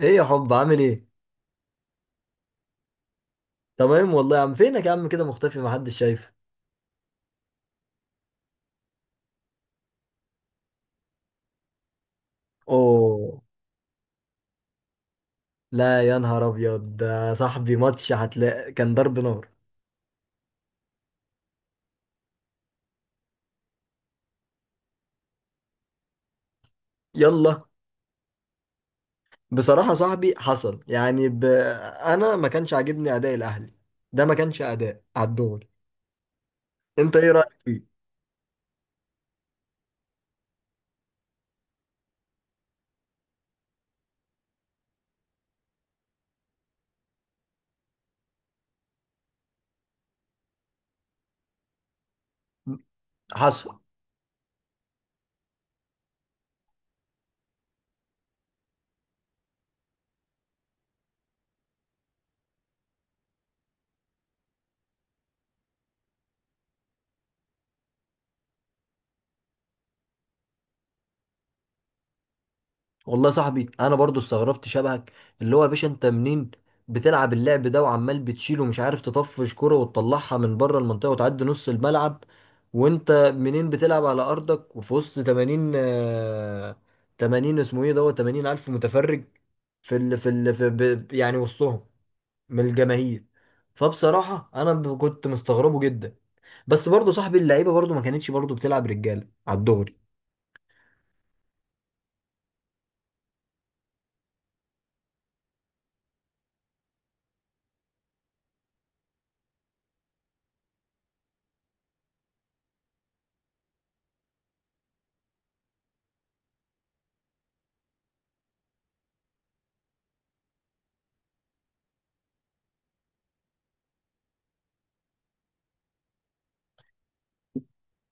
ايه يا حب، عامل ايه؟ تمام والله يا عم. فينك يا عم كده مختفي، محدش شايف؟ اوه. لا يا نهار ابيض، ده صاحبي ماتش هتلاقي كان ضرب نار. يلا، بصراحة صاحبي حصل انا ما كانش عاجبني اداء الاهلي، ده ما كانش اداء على الدغري. انت ايه رأيك فيه؟ حصل. والله يا صاحبي انا برضو استغربت شبهك. اللي هو يا باشا انت منين بتلعب اللعب ده، وعمال بتشيل ومش عارف تطفش كرة وتطلعها من بره المنطقة وتعدي نص الملعب، وانت منين بتلعب على ارضك وفي وسط 80، 80 اسمه ايه دوت، 80 الف متفرج في يعني وسطهم، من الجماهير. فبصراحة انا كنت مستغربه جدا. بس برضو صاحبي اللعيبة برضو ما كانتش برضو بتلعب رجالة على الدغري.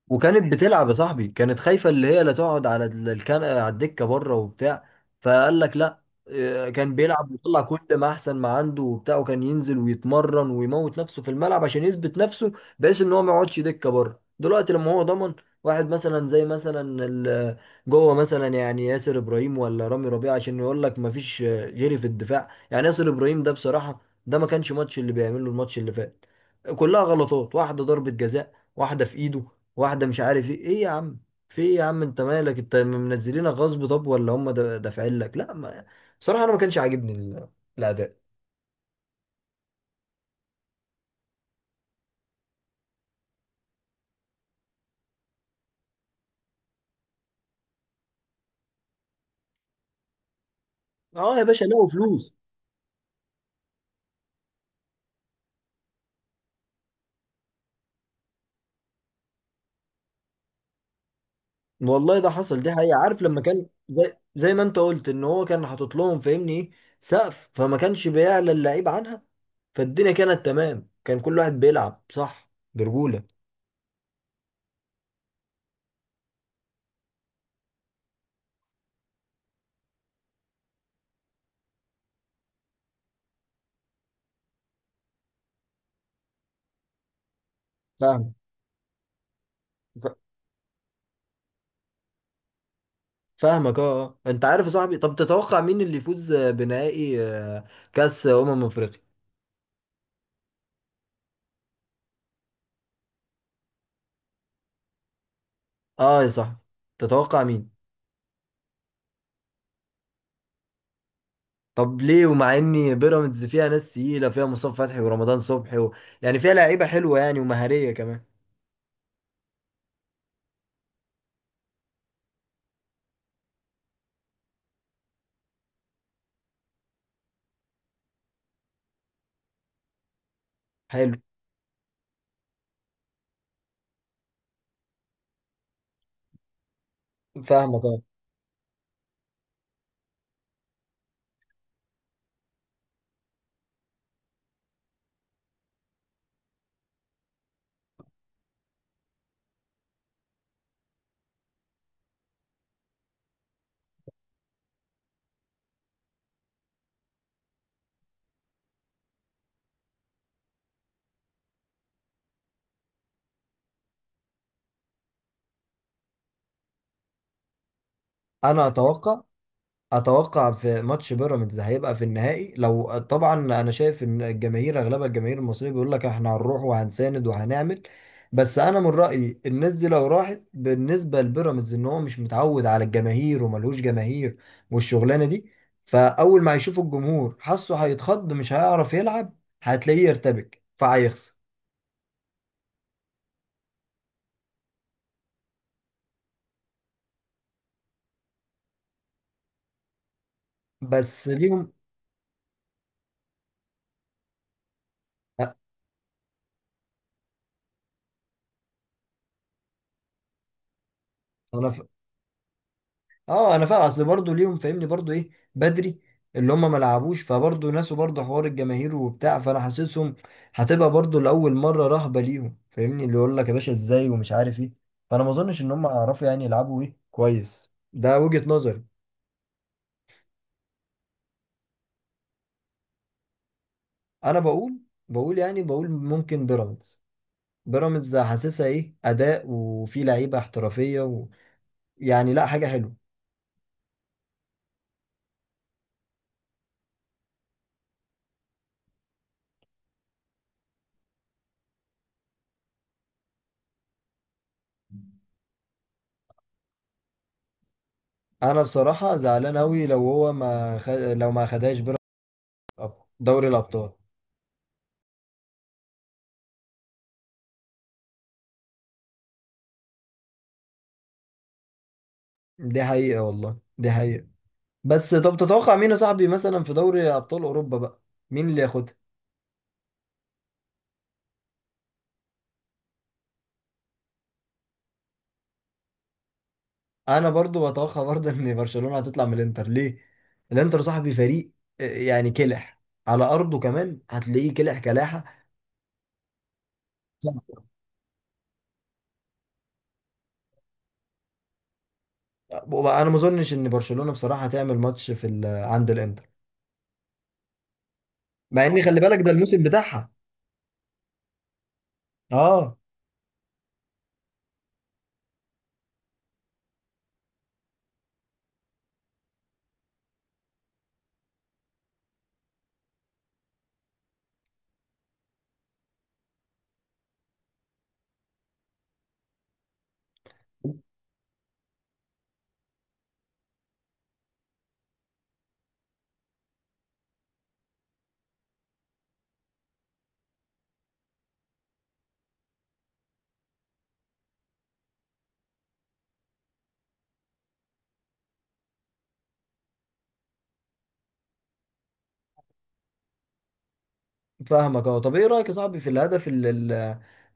وكانت بتلعب يا صاحبي، كانت خايفة اللي هي لا تقعد على الكنقة، على الدكة بره وبتاع. فقال لك لا، كان بيلعب ويطلع كل ما احسن ما عنده وبتاع، وكان ينزل ويتمرن ويموت نفسه في الملعب عشان يثبت نفسه، بحيث ان هو ما يقعدش دكة بره. دلوقتي لما هو ضمن واحد مثلا زي مثلا جوه مثلا يعني ياسر ابراهيم ولا رامي ربيعه، عشان يقول لك ما فيش غيري في الدفاع. يعني ياسر ابراهيم ده بصراحة ده ما كانش ماتش اللي بيعمله الماتش اللي فات، كلها غلطات. واحدة ضربة جزاء، واحدة في ايده، واحده مش عارف ايه. ايه يا عم، في ايه يا عم، انت مالك، انت منزلينك غصب؟ طب ولا هم دافعين لك؟ لا ما بصراحه انا ما كانش عاجبني الاداء. اه يا باشا، لقوا فلوس. والله ده حصل، دي حقيقه. عارف لما كان زي زي ما انت قلت ان هو كان حاطط لهم فاهمني ايه؟ سقف، فما كانش بيعلى اللعيب عنها، فالدنيا كانت تمام، كان كل واحد بيلعب صح برجوله. فاهم. ف- فاهمك اه. انت عارف يا صاحبي، طب تتوقع مين اللي يفوز بنهائي كاس افريقيا؟ اه يا صاحبي، تتوقع مين؟ طب ليه، ومع ان بيراميدز فيها ناس تقيله، فيها مصطفى فتحي ورمضان صبحي يعني فيها لعيبه حلوه يعني ومهاريه كمان. حلو. فاهمك اه. انا اتوقع، اتوقع في ماتش بيراميدز هيبقى في النهائي. لو طبعا انا شايف ان الجماهير اغلبها الجماهير المصريه بيقول لك احنا هنروح وهنساند وهنعمل، بس انا من رايي الناس دي لو راحت بالنسبه لبيراميدز، ان هو مش متعود على الجماهير وملهوش جماهير، والشغلانه دي فاول ما هيشوف الجمهور حاسه هيتخض، مش هيعرف يلعب، هتلاقيه يرتبك فهيخسر. بس ليهم أه، انا اه انا فاهم. اصل برضه ليهم فاهمني برضه ايه، بدري. اللي هم ما لعبوش فبرضه ناسوا برضه حوار الجماهير وبتاع، فانا حاسسهم هتبقى برضه لاول مره رهبه ليهم فاهمني، اللي يقول لك يا باشا ازاي ومش عارف ايه، فانا ما اظنش ان هم هيعرفوا يعني يلعبوا ايه كويس. ده وجهه نظري. انا بقول يعني، بقول ممكن بيراميدز حاسسها ايه اداء وفي لعيبه احترافيه يعني، لا حاجه حلوه. انا بصراحه زعلان قوي لو هو ما خ... لو ما خدهاش بيراميدز دوري الابطال. دي حقيقة والله دي حقيقة. بس طب تتوقع مين يا صاحبي مثلا في دوري أبطال أوروبا بقى، مين اللي ياخدها؟ أنا برضو بتوقع برضو إن برشلونة هتطلع من الإنتر. ليه؟ الإنتر صاحبي فريق، يعني كلح، على أرضه كمان هتلاقيه كلح كلاحة. أنا ما أظنش إن برشلونة بصراحة هتعمل ماتش في عند الإنتر، مع إن خلي بالك ده الموسم بتاعها. أه. فاهمك اه. طب ايه رايك يا صاحبي في الهدف اللي،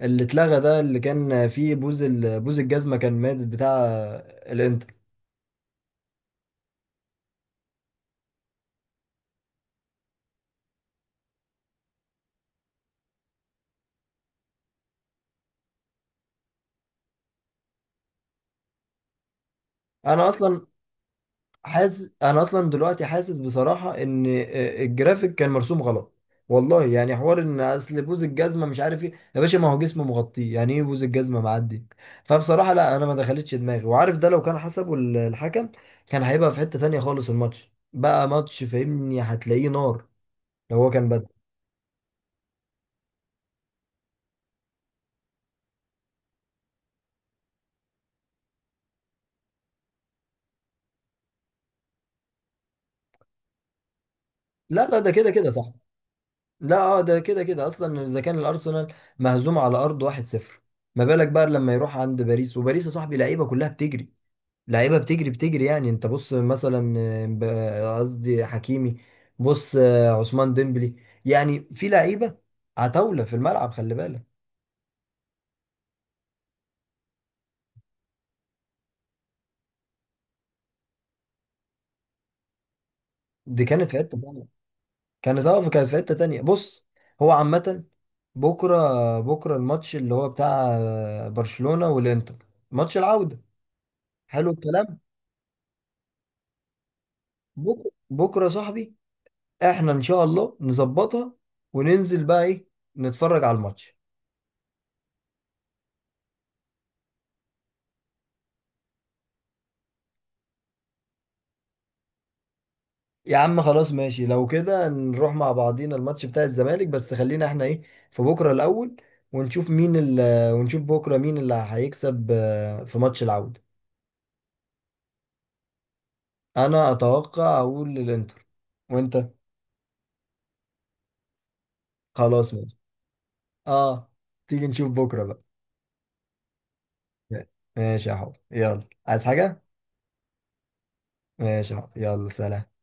اللي اتلغى ده، اللي كان فيه بوز بوز الجزمه كان مات بتاع الانتر؟ انا اصلا حاسس، انا اصلا دلوقتي حاسس بصراحه ان الجرافيك كان مرسوم غلط. والله يعني حوار ان اصل بوز الجزمه مش عارف ايه يا باشا، ما هو جسمه مغطيه، يعني ايه بوز الجزمه معدي؟ فبصراحه لا انا ما دخلتش دماغي. وعارف ده لو كان حسبه الحكم، كان هيبقى في حته تانية خالص الماتش، بقى ماتش فاهمني، هتلاقيه نار. لو هو كان بدل. لا لا ده كده كده صح. لا اه ده كده كده اصلا، اذا كان الارسنال مهزوم على ارض 1-0، ما بالك بقى لما يروح عند باريس؟ وباريس يا صاحبي لعيبه كلها بتجري، لعيبه بتجري بتجري. يعني انت بص مثلا قصدي حكيمي، بص عثمان ديمبلي، يعني في لعيبه عتاوله في الملعب خلي بالك. دي كانت في حته تانيه. كانت اه كانت في حته تانيه بص. هو عامه بكره، بكره الماتش اللي هو بتاع برشلونه والانتر، ماتش العوده. حلو الكلام. بكره بكره يا صاحبي احنا ان شاء الله نظبطها وننزل بقى ايه، نتفرج على الماتش. يا عم خلاص ماشي. لو كده نروح مع بعضينا الماتش بتاع الزمالك، بس خلينا احنا ايه، في بكرة الأول، ونشوف مين ال آه، ونشوف بكرة مين اللي هيكسب في ماتش العودة. أنا أتوقع، أقول للإنتر. وأنت؟ خلاص ماشي. أه، تيجي نشوف بكرة بقى. ماشي يا حب يلا، عايز حاجة؟ ماشي يا حب يلا سلام.